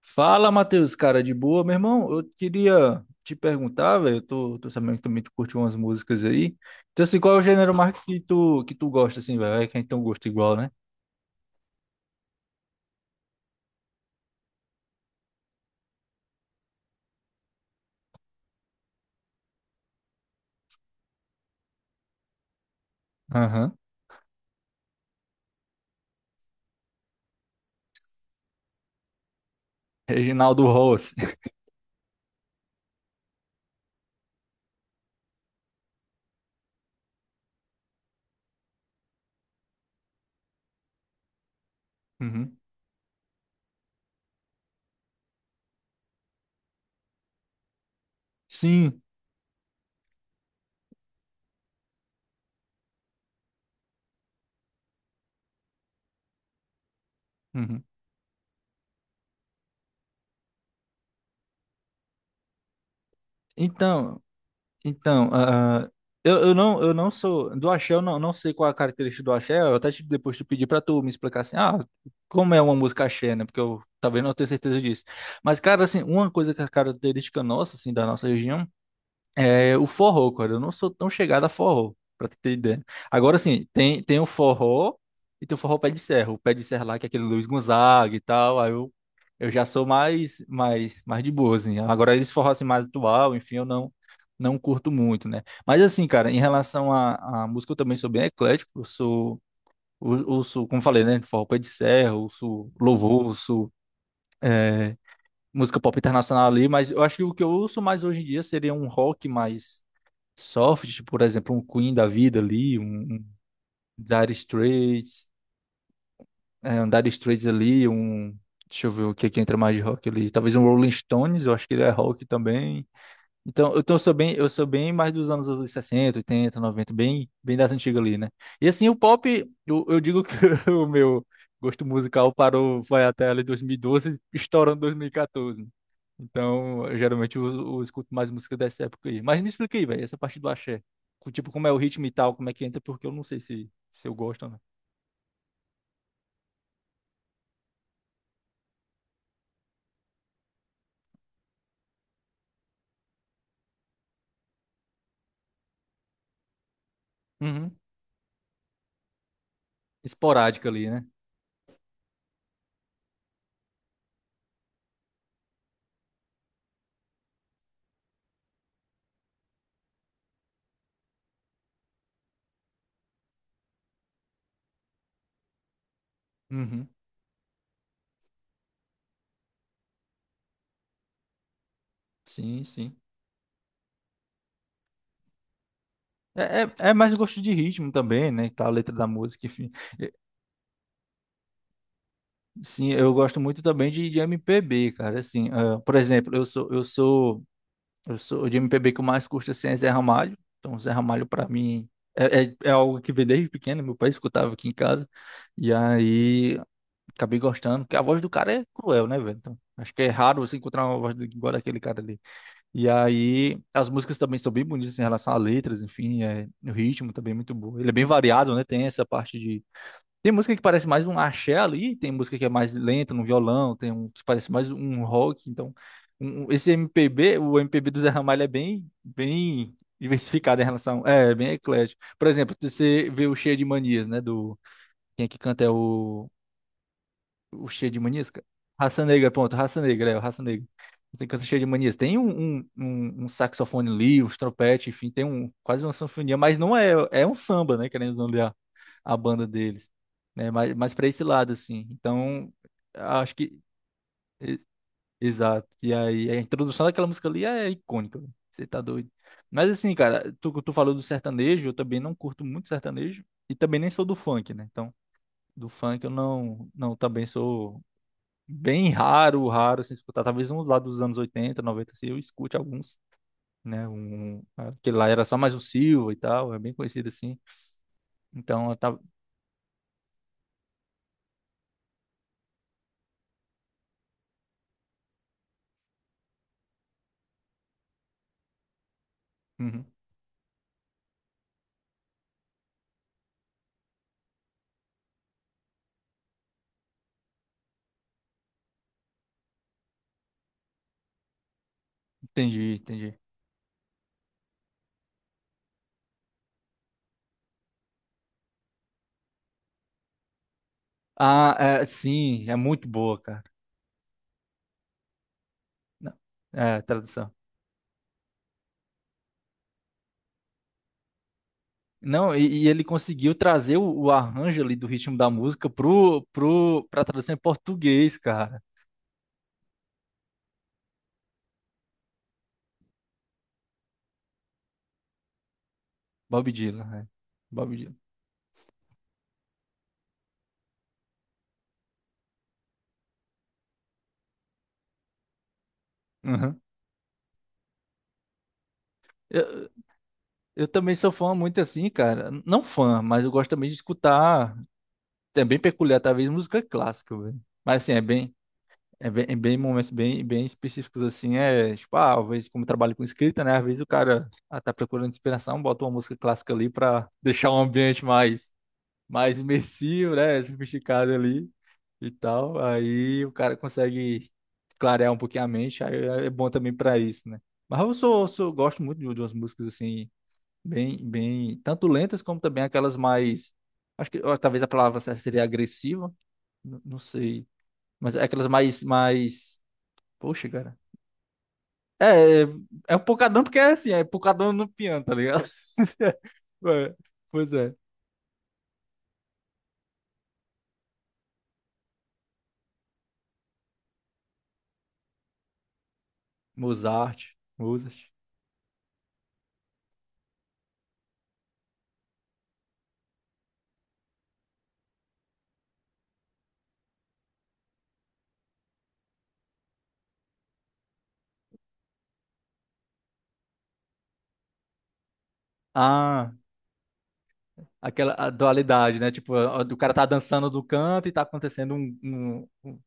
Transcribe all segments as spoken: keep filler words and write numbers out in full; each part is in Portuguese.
Fala, Matheus, cara, de boa, meu irmão. Eu queria te perguntar, velho. Eu tô, tô sabendo que também tu curte umas músicas aí. Então, assim, qual é o gênero mais que tu, que tu gosta, assim, velho? É que a gente tem um gosto igual, né? Aham. Reginaldo Rossi. Uhum. Sim. Uhum. Então, então, ah, ah, eu, eu não, eu não sou do axé, eu não, não sei qual é a característica do axé. Eu até te- depois te pedi pra tu me explicar assim, ah, como é uma música axé, né? Porque eu talvez não tenha certeza disso. Mas, cara, assim, uma coisa que é característica nossa, assim, da nossa região. É, o forró, cara, eu não sou tão chegado a forró, pra tu ter ideia. Agora sim, tem, tem o forró e tem o forró pé de serra. O pé de serra lá, que é aquele Luiz Gonzaga e tal, aí eu, eu já sou mais, mais, mais de boa, assim. Agora eles forró assim, mais atual, enfim, eu não, não curto muito, né? Mas assim, cara, em relação à, à música, eu também sou bem eclético, eu sou, eu, eu sou, como falei, né, forró pé de serra, eu sou louvor, eu sou... é, Música pop internacional ali, mas eu acho que o que eu ouço mais hoje em dia seria um rock mais soft, tipo, por exemplo, um Queen da vida ali, um, um Dire Straits, é, um Dire Straits ali, um. Deixa eu ver o que é que entra mais de rock ali. Talvez um Rolling Stones, eu acho que ele é rock também. Então, então eu sou bem, eu sou bem mais dos anos ali sessenta, oitenta, noventa, bem, bem das antigas ali, né? E assim, o pop, eu, eu digo que o meu gosto musical parou, foi até ali dois mil e doze, estourando dois mil e quatorze. Né? Então, eu, geralmente eu, eu escuto mais música dessa época aí. Mas me explica aí, velho, essa parte do axé. Co- Tipo, como é o ritmo e tal, como é que entra, porque eu não sei se, se eu gosto ou não. Uhum. Esporádica ali, né? Uhum. Sim, sim. É, é, é mais gosto de ritmo também, né? Tá, a letra da música, enfim. É, Sim, eu gosto muito também de, de M P B, cara. Assim, ah, por exemplo, eu sou, eu sou Eu sou de M P B que eu mais curto assim, é Zé Ramalho. Então, Zé Ramalho, pra mim, é, é, é algo que veio desde pequeno. Meu pai escutava aqui em casa. E aí, acabei gostando. Porque a voz do cara é cruel, né, velho? Então, acho que é raro você encontrar uma voz igual daquele cara ali. E aí, as músicas também são bem bonitas assim, em relação a letras, enfim. É, o ritmo também é muito bom. Ele é bem variado, né? Tem essa parte tem música que parece mais um axé ali, tem música que é mais lenta no violão, tem um que parece mais um rock, então um- um- esse M P B, o M P B do Zé Ramalho é bem bem diversificado em relação, é, bem eclético. Por exemplo, você vê o Cheio de Manias, né, do quem é que canta é o o cheio de manisca? Raça Negra, pronto, Raça Negra, é, o Raça Negra. Tem canto cheio de manias. Tem um, um, um, um saxofone ali, uns trompete, enfim, tem um, quase uma sinfonia, mas não é, é um samba, né? Querendo ou não olhar a a banda deles, né? Mas, mas para esse lado, assim. Então, acho que. E- Exato. E aí, a introdução daquela música ali é icônica, velho. Você tá doido. Mas assim, cara, tu, tu falou do sertanejo, eu também não curto muito sertanejo. E também nem sou do funk, né? Então, do funk eu não, não também sou bem raro, raro assim escutar. Talvez um lá dos anos oitenta noventa assim, eu escute alguns, né? Um, um, aquele lá era só mais um Silva e tal, é bem conhecido assim. Então, eu tava... Uhum, entendi, entendi. Ah, é, sim, é muito boa, cara. Não, é, tradução. Não, e, e ele conseguiu trazer o, o arranjo ali do ritmo da música pro, pro, pra tradução em português, cara. Bob Dylan, né? Bob Dylan. Uhum. Eu, eu também sou fã muito assim, cara. Não fã, mas eu gosto também de escutar é bem peculiar, talvez música clássica, velho. Mas assim, é bem, é bem, é bem momentos bem, bem específicos assim, é tipo, ah, às vezes como eu trabalho com escrita, né? Às vezes o cara ah, tá procurando inspiração, bota uma música clássica ali pra deixar o ambiente mais, mais imersivo, né? Sofisticado ali e tal. Aí o cara consegue clarear um pouquinho a mente, aí é é bom também pra isso, né? Mas eu sou, sou gosto muito de de umas músicas assim, bem, bem, tanto lentas como também aquelas mais acho que ó, talvez a palavra certa seria agressiva. N- Não sei. Mas é aquelas mais, mais. Poxa, cara. É, é é um pocadão porque é assim, é pocadão no piano, tá ligado? É, pois é. Mozart, Mozart. Ah, aquela a dualidade, né? Tipo, a- o cara tá dançando do canto e tá acontecendo um, um- um-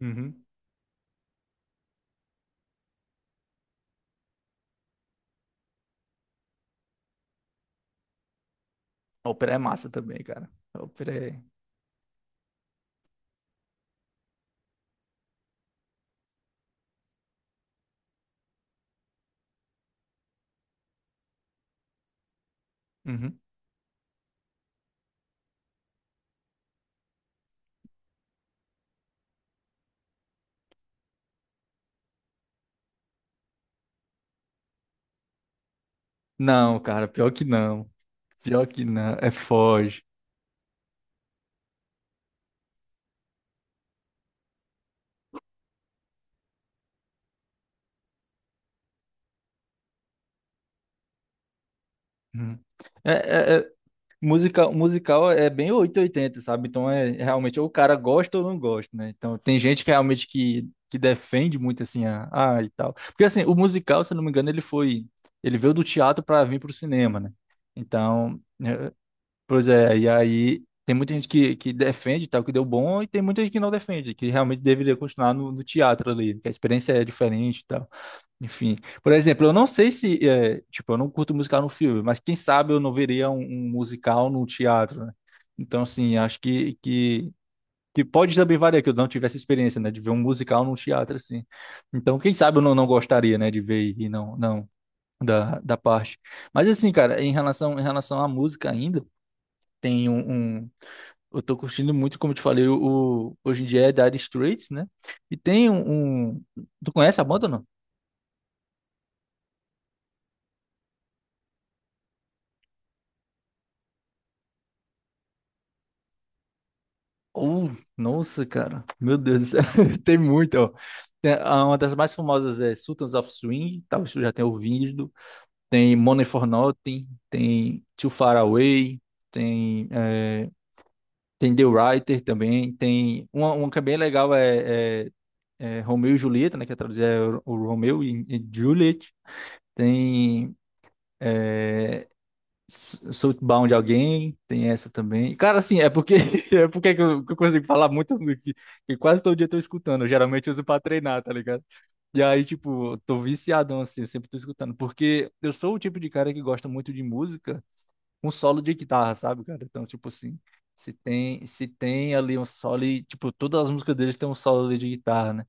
Uhum. A ópera é massa também, cara. A ópera é. Uhum. Não, cara, pior que não. Pior que não. É foge. Uhum. É, é, musical, musical é bem oitocentos e oitenta, sabe? Então é realmente ou o cara gosta ou não gosta, né? Então tem gente que realmente que, que defende muito assim a, ah, e tal. Porque assim, o musical, se eu não me engano, ele foi ele veio do teatro para vir para o cinema, né? Então, eh, pois é, e aí tem muita gente que, que defende e tal, que deu bom, e tem muita gente que não defende, que realmente deveria continuar no, no teatro ali, que a experiência é diferente enfim, por exemplo, eu não sei se, é, tipo, eu não curto musical no filme, mas quem sabe eu não veria um, um musical no teatro, né? Então, assim, acho que, que, que pode também variar, que eu não tivesse experiência, né, de ver um musical no teatro, assim. Então, quem sabe eu não, não gostaria, né, de ver e não, não, da, da parte. Mas, assim, cara, em relação, em relação à música ainda, tem um, um- eu tô curtindo muito, como eu te falei, o, o- hoje em dia é Dire Straits, né? E tem um, um- tu conhece a banda ou não? Oh, nossa, cara. Meu Deus do céu. Tem muito, ó. Tem- a- uma das mais famosas é Sultans of Swing, talvez tu já tenha ouvido. Tem Money for Nothing, tem Too Far Away, tem, é, tem The Writer também. Tem uma, uma que é bem legal é, é, é Romeu e Julieta, né? Que é traduzir é o, o Romeu e, e Juliet. Tem é, S- Southbound de alguém, tem essa também. Cara, assim, é porque é porque que eu, que eu consigo falar muito que, que quase todo dia eu tô escutando. Eu geralmente uso pra treinar, tá ligado? E aí, tipo, eu tô viciadão assim, eu sempre tô escutando, porque eu sou o tipo de cara que gosta muito de música com solo de guitarra, sabe, cara? Então, tipo assim, se tem se tem ali um solo e, tipo, todas as músicas deles têm um solo ali de guitarra, né?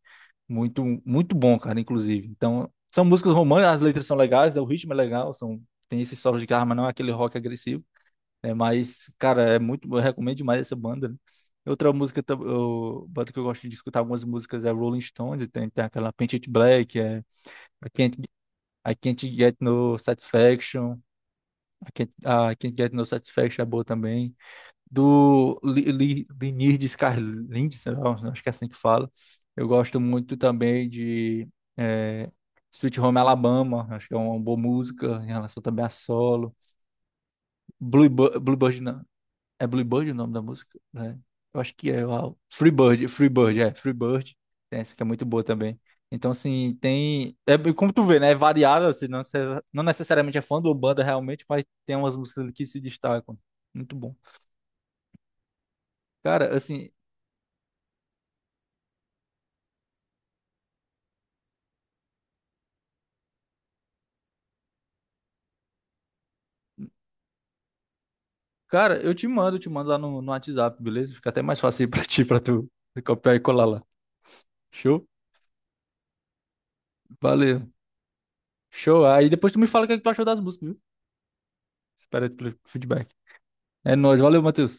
Muito muito bom, cara, inclusive. Então, são músicas românticas, as letras são legais, né? O ritmo é legal, são tem esse solo de guitarra, mas não é aquele rock agressivo, né? Mas, cara, é muito, eu recomendo demais essa banda, né? Outra música, tam- eu, banda que eu gosto de escutar algumas músicas é Rolling Stones, e tem, tem aquela Paint It Black, é I Can't, I Can't Get No Satisfaction, I Can't, ah, I Can't Get No Satisfaction é boa também. Do Li- Li- Lynyrd Skynyrd, sei lá, acho que é assim que fala. Eu gosto muito também de eh, Sweet Home Alabama, acho que é uma boa música em relação também a solo. Bluebird, Bluebird não. É Bluebird o nome da música, né? Eu acho que é uau. Free Bird, Free Bird, é, Free Bird. Tem essa que é muito boa também. Então, assim, tem. É, como tu vê, né? É variável, assim, não, necess- não necessariamente é fã do banda realmente, mas tem umas músicas ali que se destacam. Muito bom. Cara, assim, cara, eu te mando, eu te mando lá no, no WhatsApp, beleza? Fica até mais fácil aí pra ti, pra tu copiar e colar lá. Show? Valeu. Show. Aí depois tu me fala o que é que tu achou das músicas, viu? Espero pelo feedback. É nóis. Valeu, Matheus.